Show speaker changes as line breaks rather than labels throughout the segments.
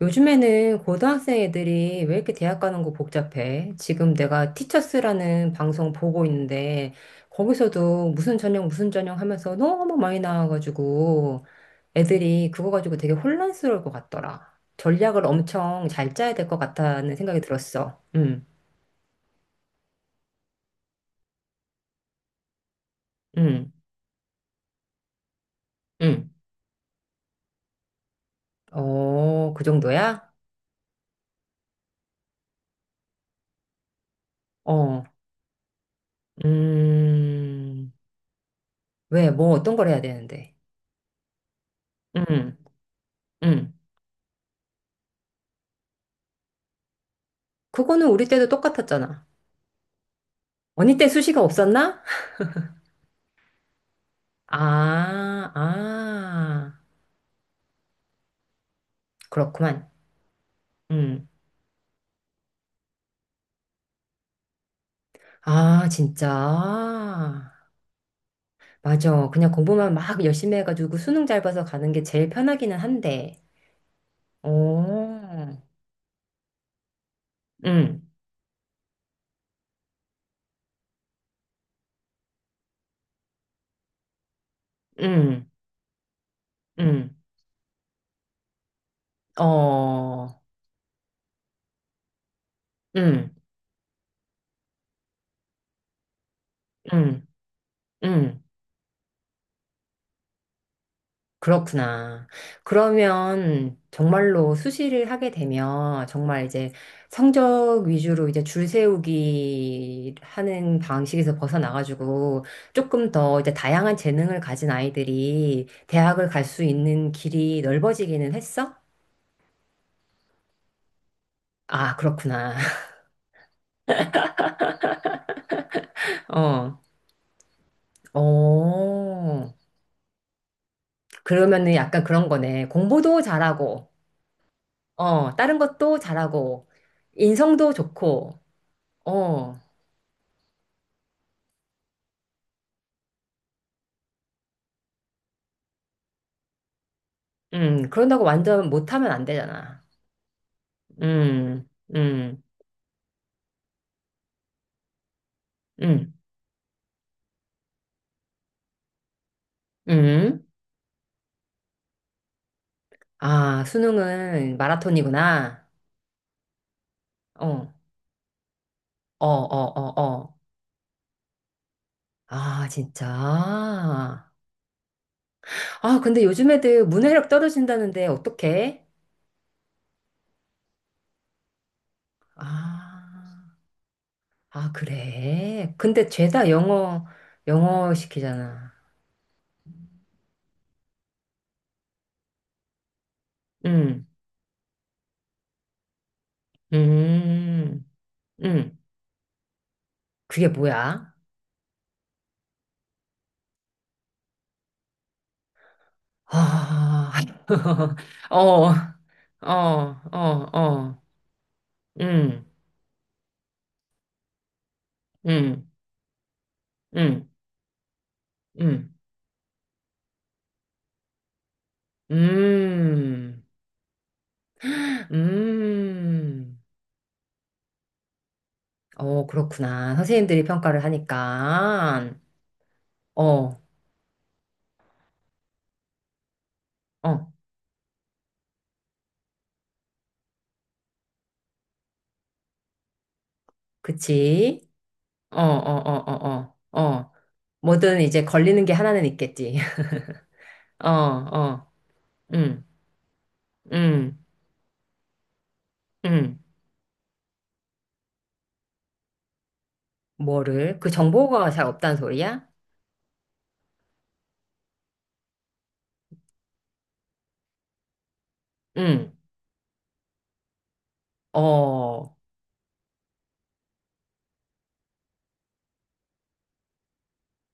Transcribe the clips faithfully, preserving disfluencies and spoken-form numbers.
요즘에는 고등학생 애들이 왜 이렇게 대학 가는 거 복잡해? 지금 내가 티처스라는 방송 보고 있는데 거기서도 무슨 전형 무슨 전형 하면서 너무 많이 나와가지고 애들이 그거 가지고 되게 혼란스러울 것 같더라. 전략을 엄청 잘 짜야 될 것 같다는 생각이 들었어. 응, 응, 응. 어, 그 정도야? 어, 음, 왜, 뭐 어떤 걸 해야 되는데? 응, 응. 그거는 우리 때도 똑같았잖아. 언니 때 수시가 없었나? 아, 아, 그렇구만. 음. 아, 진짜. 맞아. 그냥 공부만 막 열심히 해가지고 수능 잘 봐서 가는 게 제일 편하기는 한데. 오, 음, 음, 음, 어, 음, 음, 음. 그렇구나. 그러면 정말로 수시를 하게 되면 정말 이제 성적 위주로 이제 줄 세우기 하는 방식에서 벗어나가지고 조금 더 이제 다양한 재능을 가진 아이들이 대학을 갈 수 있는 길이 넓어지기는 했어? 아, 그렇구나. 어, 어. 그러면은 약간 그런 거네. 공부도 잘하고, 어, 다른 것도 잘하고, 인성도 좋고, 어. 음, 그런다고 완전 못하면 안 되잖아. 음, 음, 음, 음. 아, 수능은 마라톤이구나. 어, 어, 어, 어, 어. 아, 진짜. 아, 근데 요즘 애들 문해력 떨어진다는데 어떡해? 아, 아, 그래. 근데 죄다 영어, 영어 시키잖아. 음, 음, 음. 그게 뭐야? 아, 어, 어, 어, 어. 음, 음, 음, 음, 음, 음. 음, 음. 어, 그렇구나. 선생님들이 평가를 하니까. 어, 어, 그치? 어, 어, 어, 어, 어, 어. 뭐든 이제 걸리는 게 하나는 있겠지. 어, 어, 음, 음, 음. 뭐를? 그 정보가 잘 없다는 소리야? 음, 어.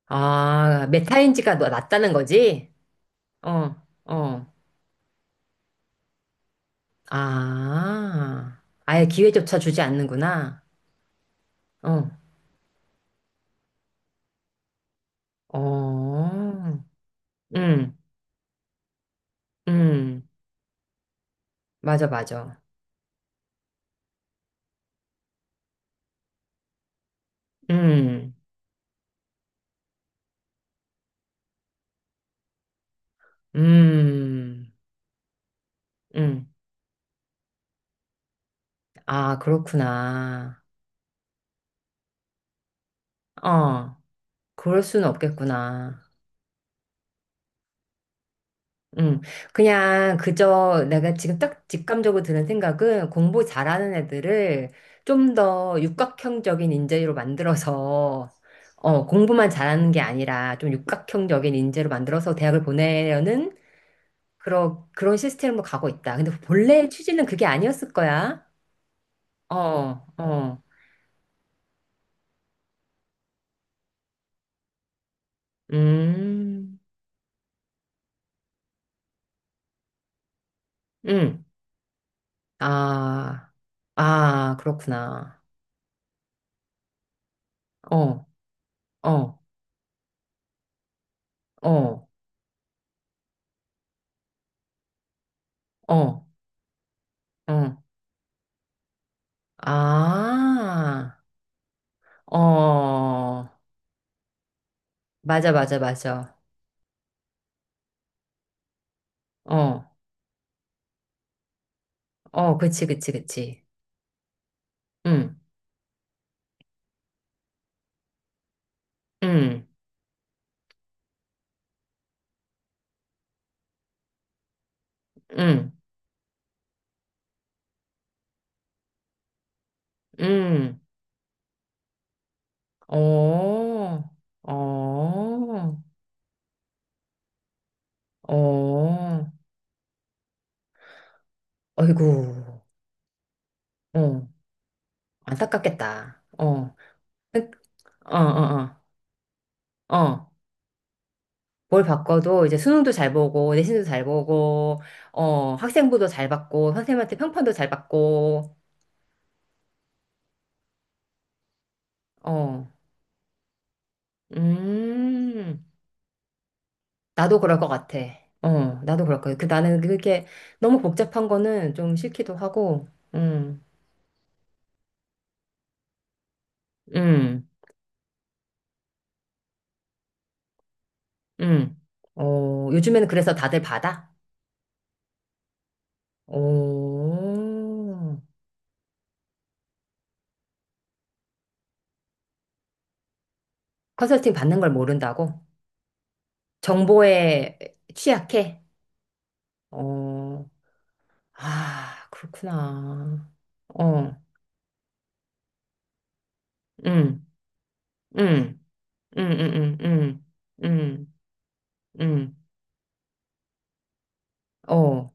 아, 메타인지가 너- 낮다는 거지? 어, 어. 아, 아예 기회조차 주지 않는구나. 어, 어, 음, 음, 맞아, 맞아. 음, 음, 음. 아, 그렇구나. 어, 그럴 수는 없겠구나. 음, 그냥 그저 내가 지금 딱 직감적으로 드는 생각은 공부 잘하는 애들을 좀 더 육각형적인 인재로 만들어서 어, 공부만 잘하는 게 아니라 좀 육각형적인 인재로 만들어서 대학을 보내려는 그런 그런 시스템으로 가고 있다. 근데 본래 취지는 그게 아니었을 거야. 어, 어, 음, 음, 아, 아, 그렇구나. 어, 어, 어, 어, 어. 아, 어, 맞아, 맞아, 맞아. 어, 어, 그치, 그치, 그치. 응, 응, 응, 응, 어, 어, 어, 어이구, 어, 안타깝겠다. 어, 그- 어, 어, 어, 어. 뭘 바꿔도 이제 수능도 잘 보고, 내신도 잘 보고, 어, 학생부도 잘 받고, 선생님한테 평판도 잘 받고, 어, 음. 나도 그럴 것 같아. 어, 나도 그럴 거야. 그 나는 그게 너무 복잡한 거는 좀 싫기도 하고, 음, 음, 음. 어, 요즘에는 그래서 다들 받아? 오, 컨설팅 받는 걸 모른다고? 정보에 취약해? 어, 아, 그렇구나. 어, 음, 음, 음, 음, 음, 음, 음, 음. 음. 어,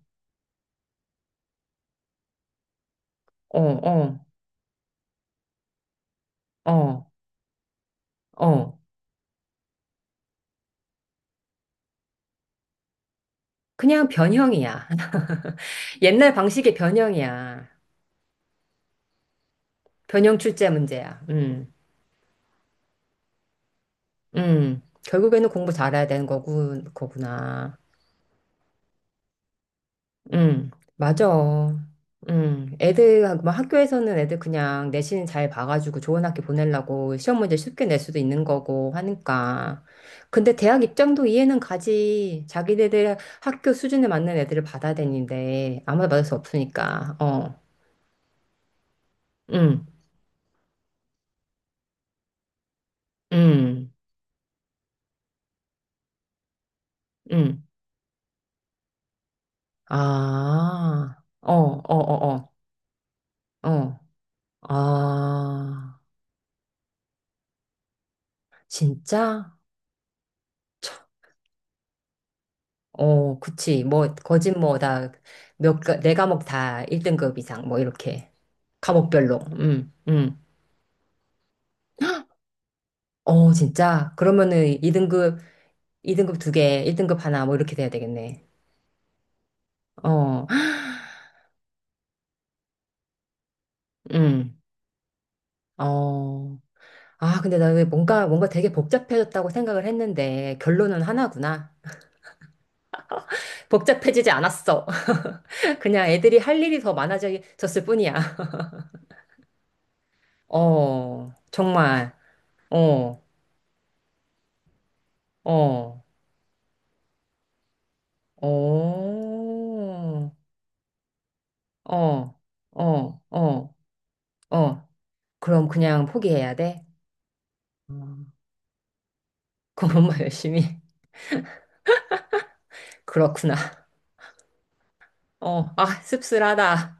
어, 어, 어, 어. 그냥 변형이야. 옛날 방식의 변형이야. 변형 출제 문제야. 음, 음. 결국에는 공부 잘해야 되는 거구, 거구나. 음, 맞아. 음, 애들, 뭐 학교에서는 애들 그냥 내신 잘 봐가지고 좋은 학교 보내려고 시험 문제 쉽게 낼 수도 있는 거고 하니까. 근데 대학 입장도 이해는 가지. 자기네들 학교 수준에 맞는 애들을 받아야 되는데, 아무나 받을 수 없으니까. 어, 음, 음, 음. 아, 어, 어, 어, 어. 어. 아, 진짜? 참, 어, 그치. 뭐, 거짓뭐, 다, 몇, 가- 네 과목 다 일 등급 이상, 뭐, 이렇게. 과목별로. 음, 음. 어, 진짜? 그러면은 이 등급, 이 등급 두 개, 일 등급 하나, 뭐, 이렇게 돼야 되겠네. 어, 음, 어. 아, 근데 나 왜 뭔가, 뭔가 되게 복잡해졌다고 생각을 했는데, 결론은 하나구나. 복잡해지지 않았어. 그냥 애들이 할 일이 더 많아졌을 뿐이야. 어, 정말. 어. 어, 어, 어, 어, 어, 어. 그럼 그냥 포기해야 돼? 그 공부만 열심히. 그렇구나. 어, 아, 씁쓸하다.